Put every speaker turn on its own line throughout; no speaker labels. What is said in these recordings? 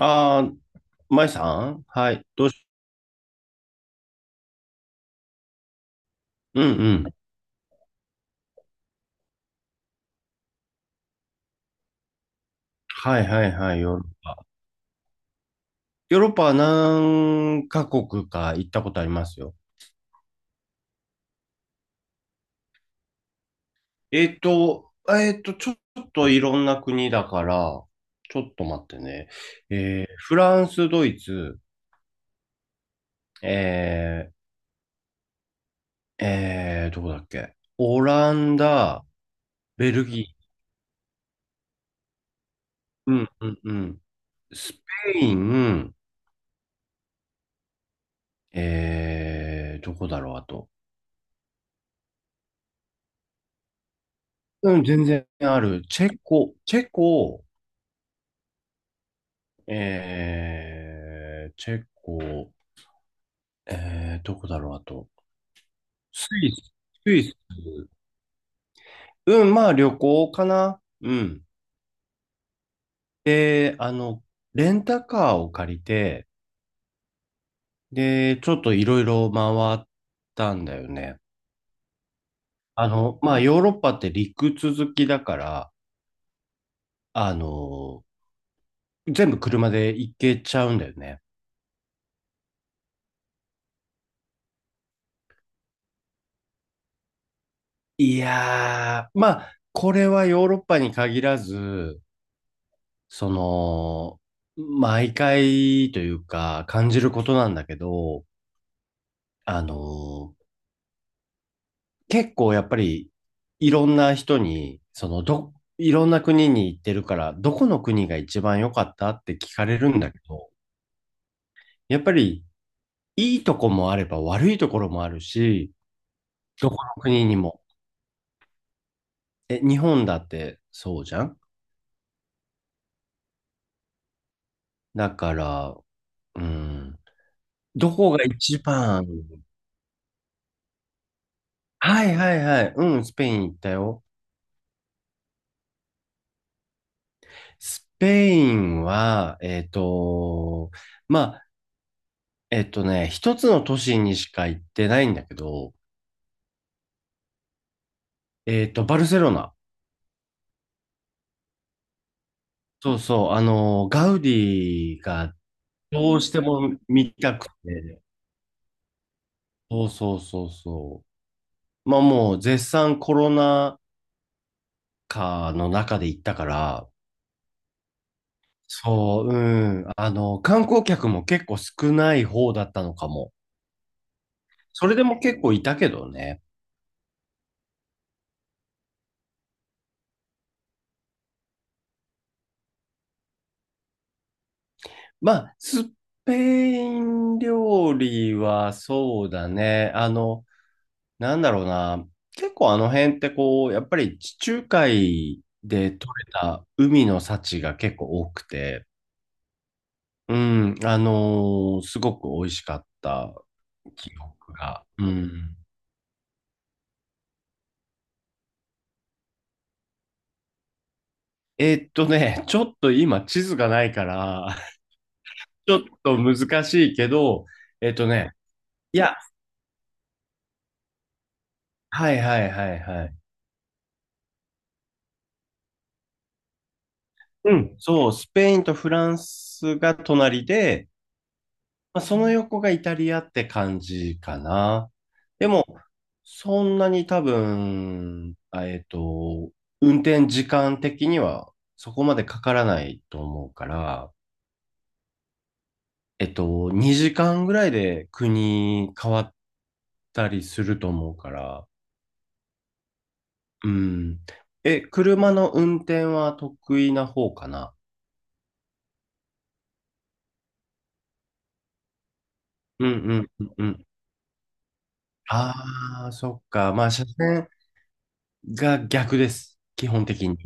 ああ、舞さん、はい。どうし、うんうん。はいはいはい。ヨーロッパは何カ国か行ったことありますよ。ちょっといろんな国だから、ちょっと待ってね。フランス、ドイツ、えー、どこだっけ、オランダ、ベルギー、うんうんうん。スペイン、どこだろう、あと。うん、全然ある。チェコ、チェコ、チェコ、どこだろう、あと。スイス、スイス。うん、まあ旅行かな。うん。で、レンタカーを借りて、で、ちょっといろいろ回ったんだよね。まあヨーロッパって陸続きだから、あの、全部車で行けちゃうんだよね。いやー、まあ、これはヨーロッパに限らず、その、毎回というか感じることなんだけど、あの、結構やっぱりいろんな人に、そのど、いろんな国に行ってるから、どこの国が一番良かったって聞かれるんだけど、やっぱりいいとこもあれば悪いところもあるし、どこの国にも。え、日本だってそうじゃん。だから、うん、どこが一番、はいはいはい、うん、スペイン行ったよ。スペインは、まあ、一つの都市にしか行ってないんだけど、バルセロナ。そうそう、ガウディがどうしても見たくて、そうそうそうそう。まあもう絶賛コロナ禍の中で行ったから、そう、うん、観光客も結構少ない方だったのかも。それでも結構いたけどね。まあ、スペイン料理はそうだね。なんだろうな。結構あの辺ってこう、やっぱり地中海で取れた海の幸が結構多くて、うん、すごく美味しかった記憶が。うん。ちょっと今地図がないから、ちょっと難しいけど、えーっとね、いや、はいはいはいはい。うん、そう、スペインとフランスが隣で、まあ、その横がイタリアって感じかな。でも、そんなに多分、運転時間的にはそこまでかからないと思うから、えっと、2時間ぐらいで国変わったりすると思うから、うん。え、車の運転は得意な方かな。うんうんうんうん。ああ、そっか。まあ、車線、が逆です。基本的に。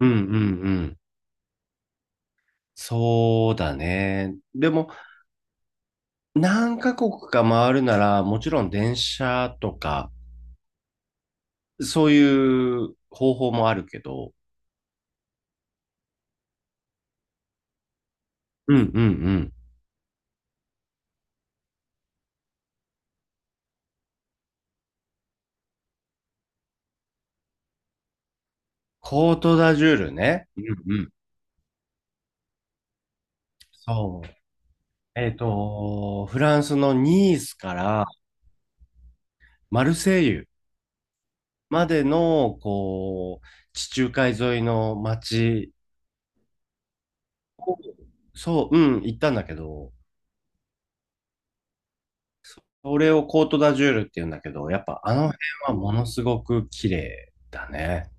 うんうんうん。そうだね。でも、何カ国か回るなら、もちろん電車とか、そういう方法もあるけど、うんうんうん。コートダジュールね。うんうん。そう。フランスのニースからマルセイユまでの、こう、地中海沿いの街を、そう、うん、行ったんだけど、それをコートダジュールって言うんだけど、やっぱあの辺はものすごく綺麗だね。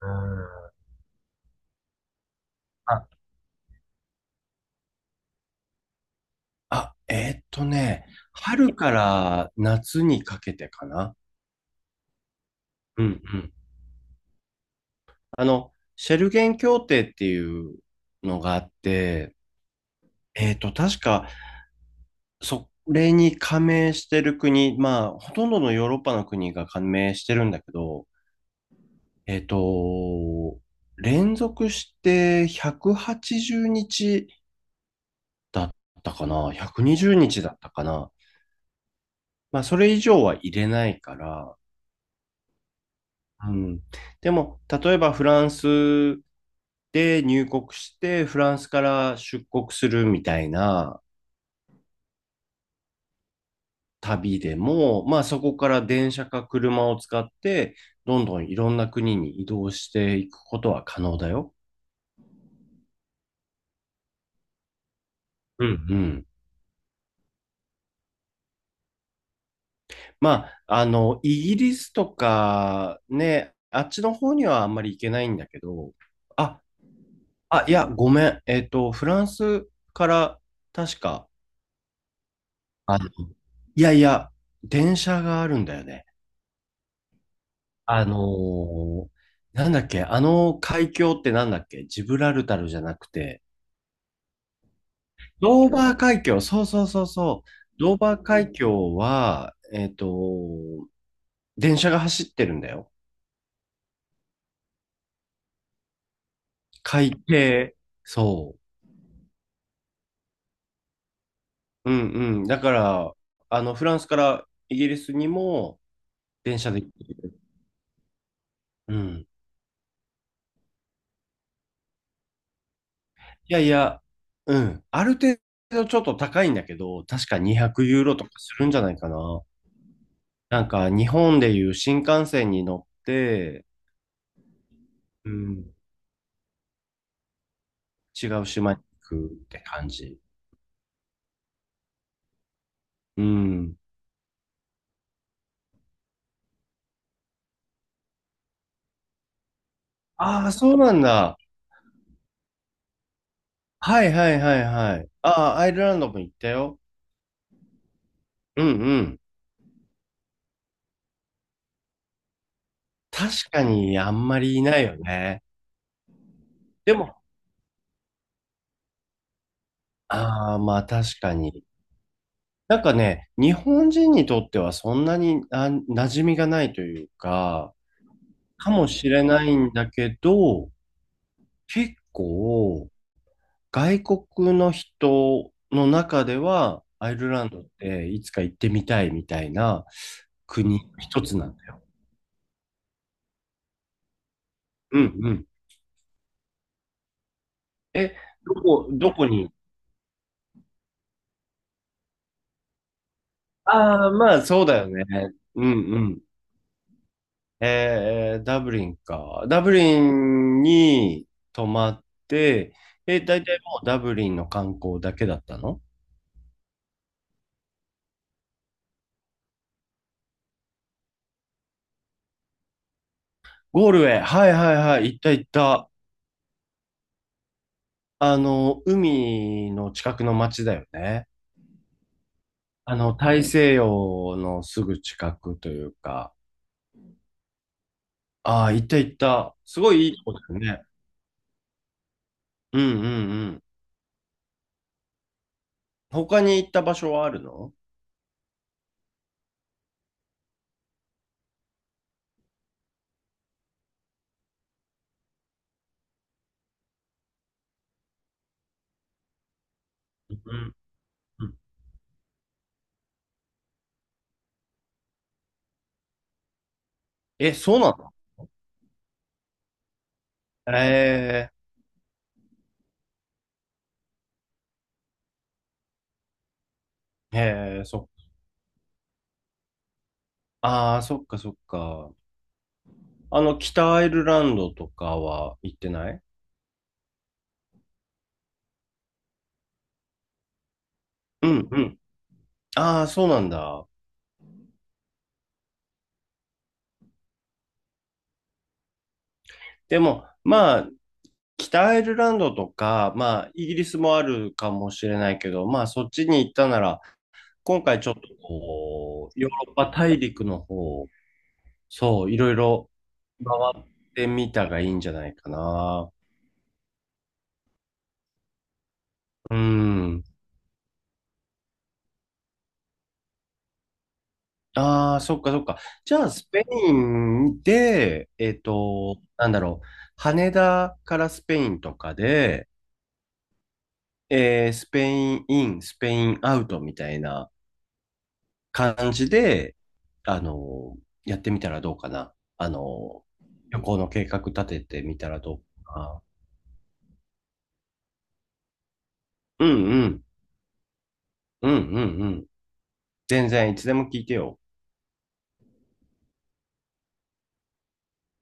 うん。あ、あ、えーっとね、春から夏にかけてかな。うんうん。シェルゲン協定っていうのがあって、確か、それに加盟してる国、まあ、ほとんどのヨーロッパの国が加盟してるんだけど、えーっと、連続して180日だったかな。120日だったかな。まあ、それ以上は入れないから。うん。でも、例えばフランスで入国して、フランスから出国するみたいな旅でも、まあ、そこから電車か車を使って、どんどんいろんな国に移動していくことは可能だよ。うんうん。まあ、イギリスとかね、あっちの方にはあんまり行けないんだけど、あ、いや、ごめん。フランスから確か、あ、いやいや、電車があるんだよね。あのーなんだっけ、あの海峡ってなんだっけ、ジブラルタルじゃなくて、ドーバー海峡、そうそうそうそう、ドーバー海峡は、電車が走ってるんだよ。海底。そう。うんうん。だから、フランスからイギリスにも電車で行ってる。うん。いやいや、うん。ある程度ちょっと高いんだけど、確か200ユーロとかするんじゃないかな。なんか日本でいう新幹線に乗って、うん、違う島に行くって感じ。うん。ああ、そうなんだ。はいはいはいはい。ああ、アイルランドも行ったよ。うんうん。確かにあんまりいないよね。でも、ああ、まあ確かに。なんかね、日本人にとってはそんなに馴染みがないというか、かもしれないんだけど、結構外国の人の中ではアイルランドっていつか行ってみたいみたいな国一つなんだよ。うんうん。え、どこに、ああー、まあそうだよね。うんうん。ダブリンか。ダブリンに泊まって、え、大体もうダブリンの観光だけだったの、ゴールウェイ。はいはいはい。行った行った。海の近くの町だよね。大西洋のすぐ近くというか。ああ、行った行った。すごいいいとこだよね。うんうんうん。他に行った場所はあるの、うんうん、え、そうなの、えそっ、ああ、そっかそっか。北アイルランドとかは行ってない、うんうん。ああ、そうなんだ。でも、まあ、北アイルランドとか、まあ、イギリスもあるかもしれないけど、まあ、そっちに行ったなら、今回ちょっとこう、ヨーロッパ大陸の方、そう、いろいろ回ってみたがいいんじゃないかな。うん。ああ、そっかそっか。じゃあ、スペインで、なんだろう、羽田からスペインとかで、スペインイン、スペインアウトみたいな、感じで、あの、やってみたらどうかな。あの、旅行の計画立ててみたらどうかな。うんうん。うんうんうん。全然いつでも聞いてよ。